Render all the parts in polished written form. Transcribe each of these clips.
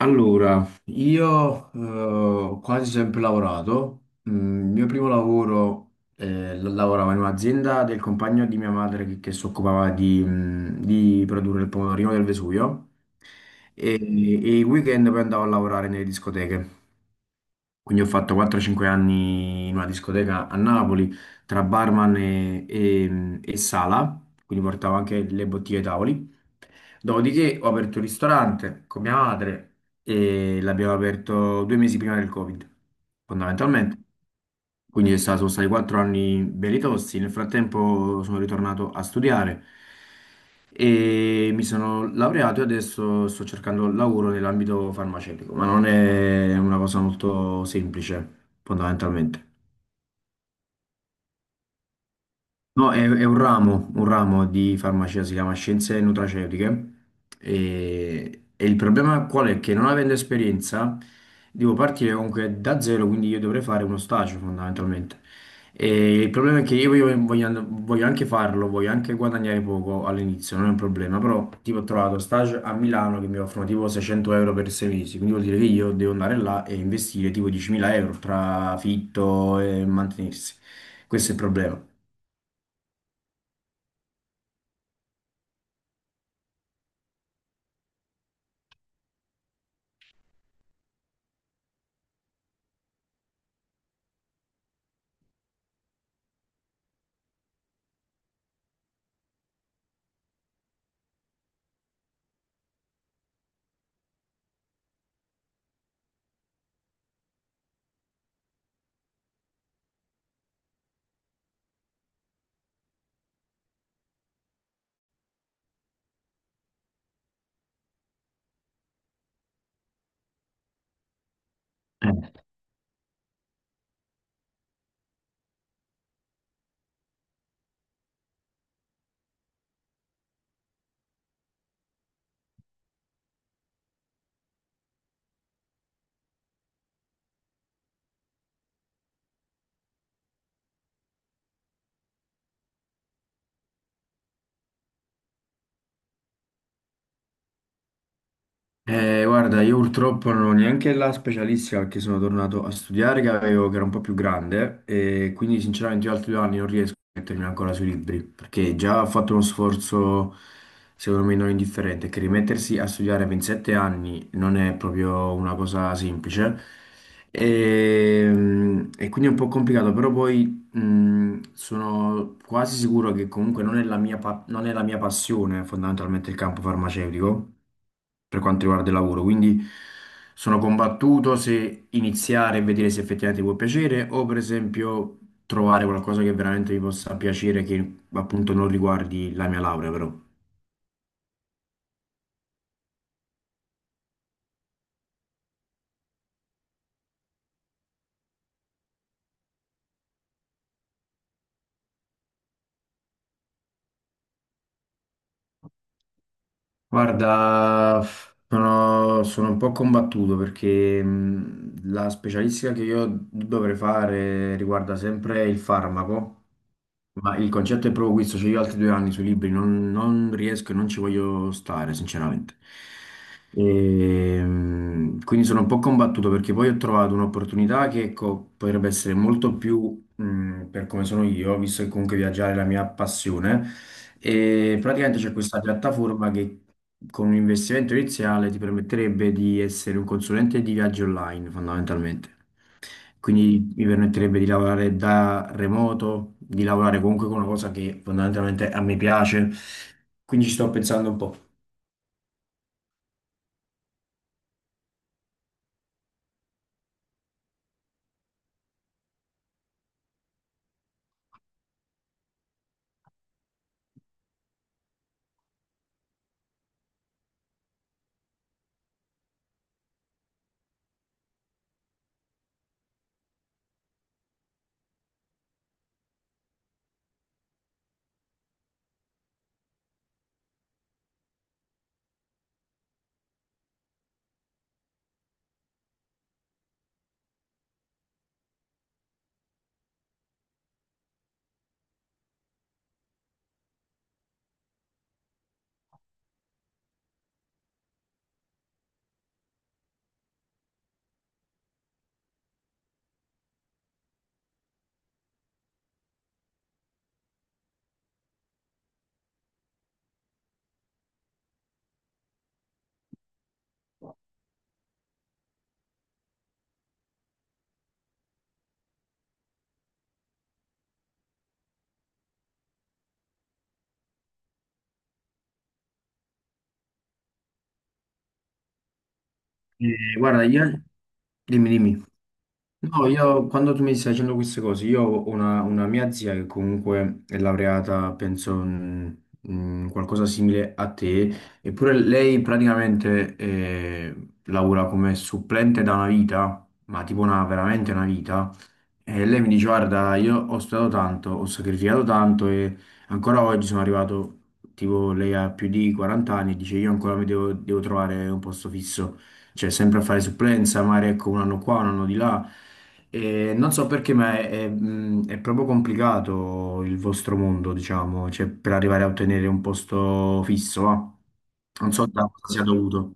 Allora, io ho quasi sempre lavorato. Mm, il mio primo lavoro lavoravo in un'azienda del compagno di mia madre che si occupava di produrre il pomodorino del Vesuvio e i weekend poi andavo a lavorare nelle discoteche. Quindi ho fatto 4-5 anni in una discoteca a Napoli tra barman e sala, quindi portavo anche le bottiglie ai tavoli. Dopodiché ho aperto un ristorante con mia madre e l'abbiamo aperto 2 mesi prima del Covid, fondamentalmente. Quindi sono stati 4 anni belli tosti. Nel frattempo sono ritornato a studiare e mi sono laureato e adesso sto cercando lavoro nell'ambito farmaceutico, ma non è una cosa molto semplice, fondamentalmente. No, è un ramo di farmacia, si chiama scienze nutraceutiche e il problema qual è? Che non avendo esperienza devo partire comunque da zero, quindi io dovrei fare uno stage fondamentalmente. E il problema è che io voglio anche farlo, voglio anche guadagnare poco all'inizio, non è un problema, però tipo ho trovato stage a Milano che mi offrono tipo 600 euro per 6 mesi, quindi vuol dire che io devo andare là e investire tipo 10.000 euro tra affitto e mantenersi. Questo è il problema. Guarda, io purtroppo non ho neanche la specialistica perché sono tornato a studiare che era un po' più grande e quindi sinceramente io altri 2 anni non riesco a mettermi ancora sui libri perché già ho fatto uno sforzo secondo me non indifferente, che rimettersi a studiare per 7 anni non è proprio una cosa semplice e, e quindi è un po' complicato, però poi sono quasi sicuro che comunque non è la mia pa- non è la mia passione fondamentalmente il campo farmaceutico per quanto riguarda il lavoro. Quindi sono combattuto se iniziare e vedere se effettivamente può piacere o per esempio trovare qualcosa che veramente mi possa piacere che appunto non riguardi la mia laurea però. Guarda, sono un po' combattuto perché la specialistica che io dovrei fare riguarda sempre il farmaco. Ma il concetto è proprio questo, cioè io altri 2 anni sui libri non riesco e non ci voglio stare, sinceramente. Quindi sono un po' combattuto perché poi ho trovato un'opportunità che ecco, potrebbe essere molto più per come sono io, visto che comunque viaggiare è la mia passione. E praticamente c'è questa piattaforma che con un investimento iniziale ti permetterebbe di essere un consulente di viaggio online, fondamentalmente. Quindi mi permetterebbe di lavorare da remoto, di lavorare comunque con una cosa che fondamentalmente a me piace. Quindi ci sto pensando un po'. Guarda, io... Dimmi, dimmi. No, io quando tu mi stai dicendo queste cose, io ho una mia zia che comunque è laureata, penso, in qualcosa simile a te, eppure lei praticamente lavora come supplente da una vita, ma tipo una, veramente una vita, e lei mi dice, guarda, io ho studiato tanto, ho sacrificato tanto e ancora oggi sono arrivato, tipo, lei ha più di 40 anni e dice, io ancora mi devo trovare un posto fisso, cioè sempre a fare supplenza, magari ecco un anno qua, un anno di là. E non so perché, ma è proprio complicato il vostro mondo, diciamo, cioè per arrivare a ottenere un posto fisso, va. Non so da cosa sia dovuto.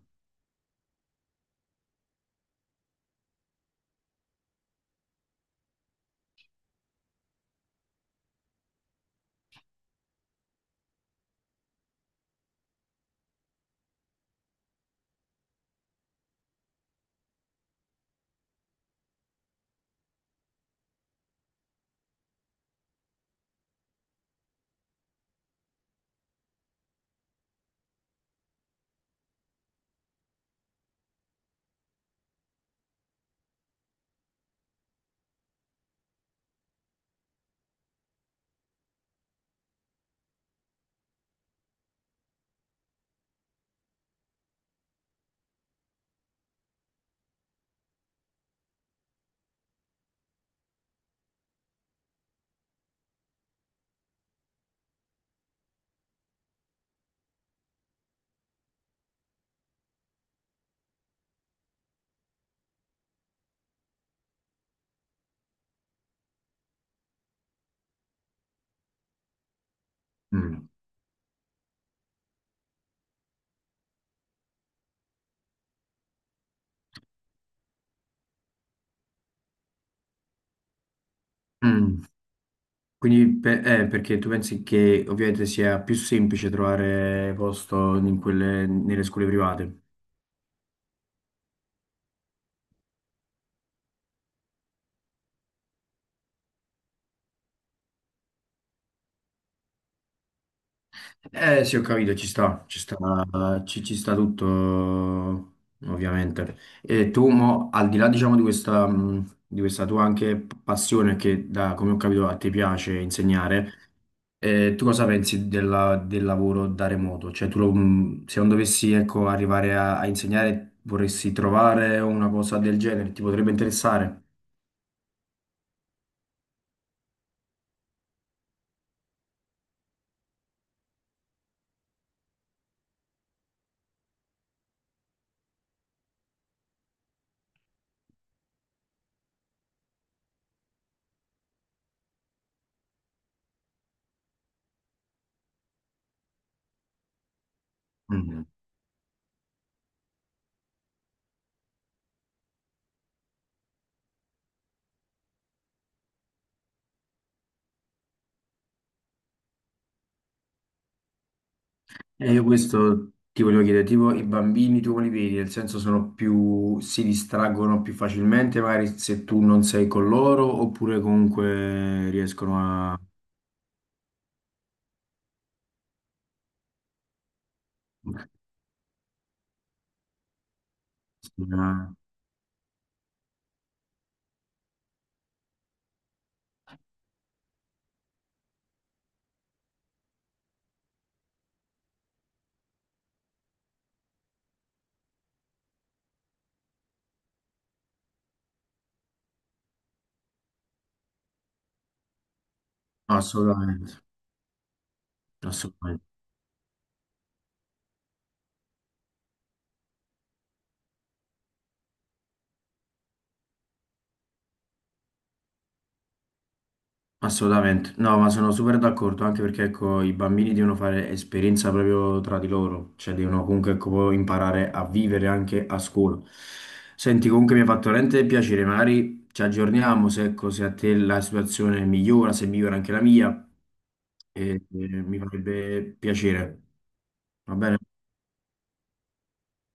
Mm. Mm. Perché tu pensi che ovviamente sia più semplice trovare posto nelle scuole private? Eh sì, ho capito, ci sta, ci sta, ci sta tutto, ovviamente. E tu, mo, al di là, diciamo, di questa tua anche passione che, come ho capito, a te piace insegnare, tu cosa pensi del lavoro da remoto? Cioè, se non dovessi, ecco, arrivare a insegnare, vorresti trovare una cosa del genere? Ti potrebbe interessare? E io questo ti volevo chiedere, tipo i bambini tu come li vedi? Nel senso sono più, si distraggono più facilmente magari se tu non sei con loro oppure comunque riescono. No, assolutamente, assolutamente. Assolutamente, no, ma sono super d'accordo, anche perché ecco, i bambini devono fare esperienza proprio tra di loro, cioè devono comunque ecco, poi imparare a vivere anche a scuola. Senti, comunque mi ha fatto veramente piacere, magari ci aggiorniamo se, ecco, se a te la situazione migliora, se migliora anche la mia, e mi farebbe piacere, va bene?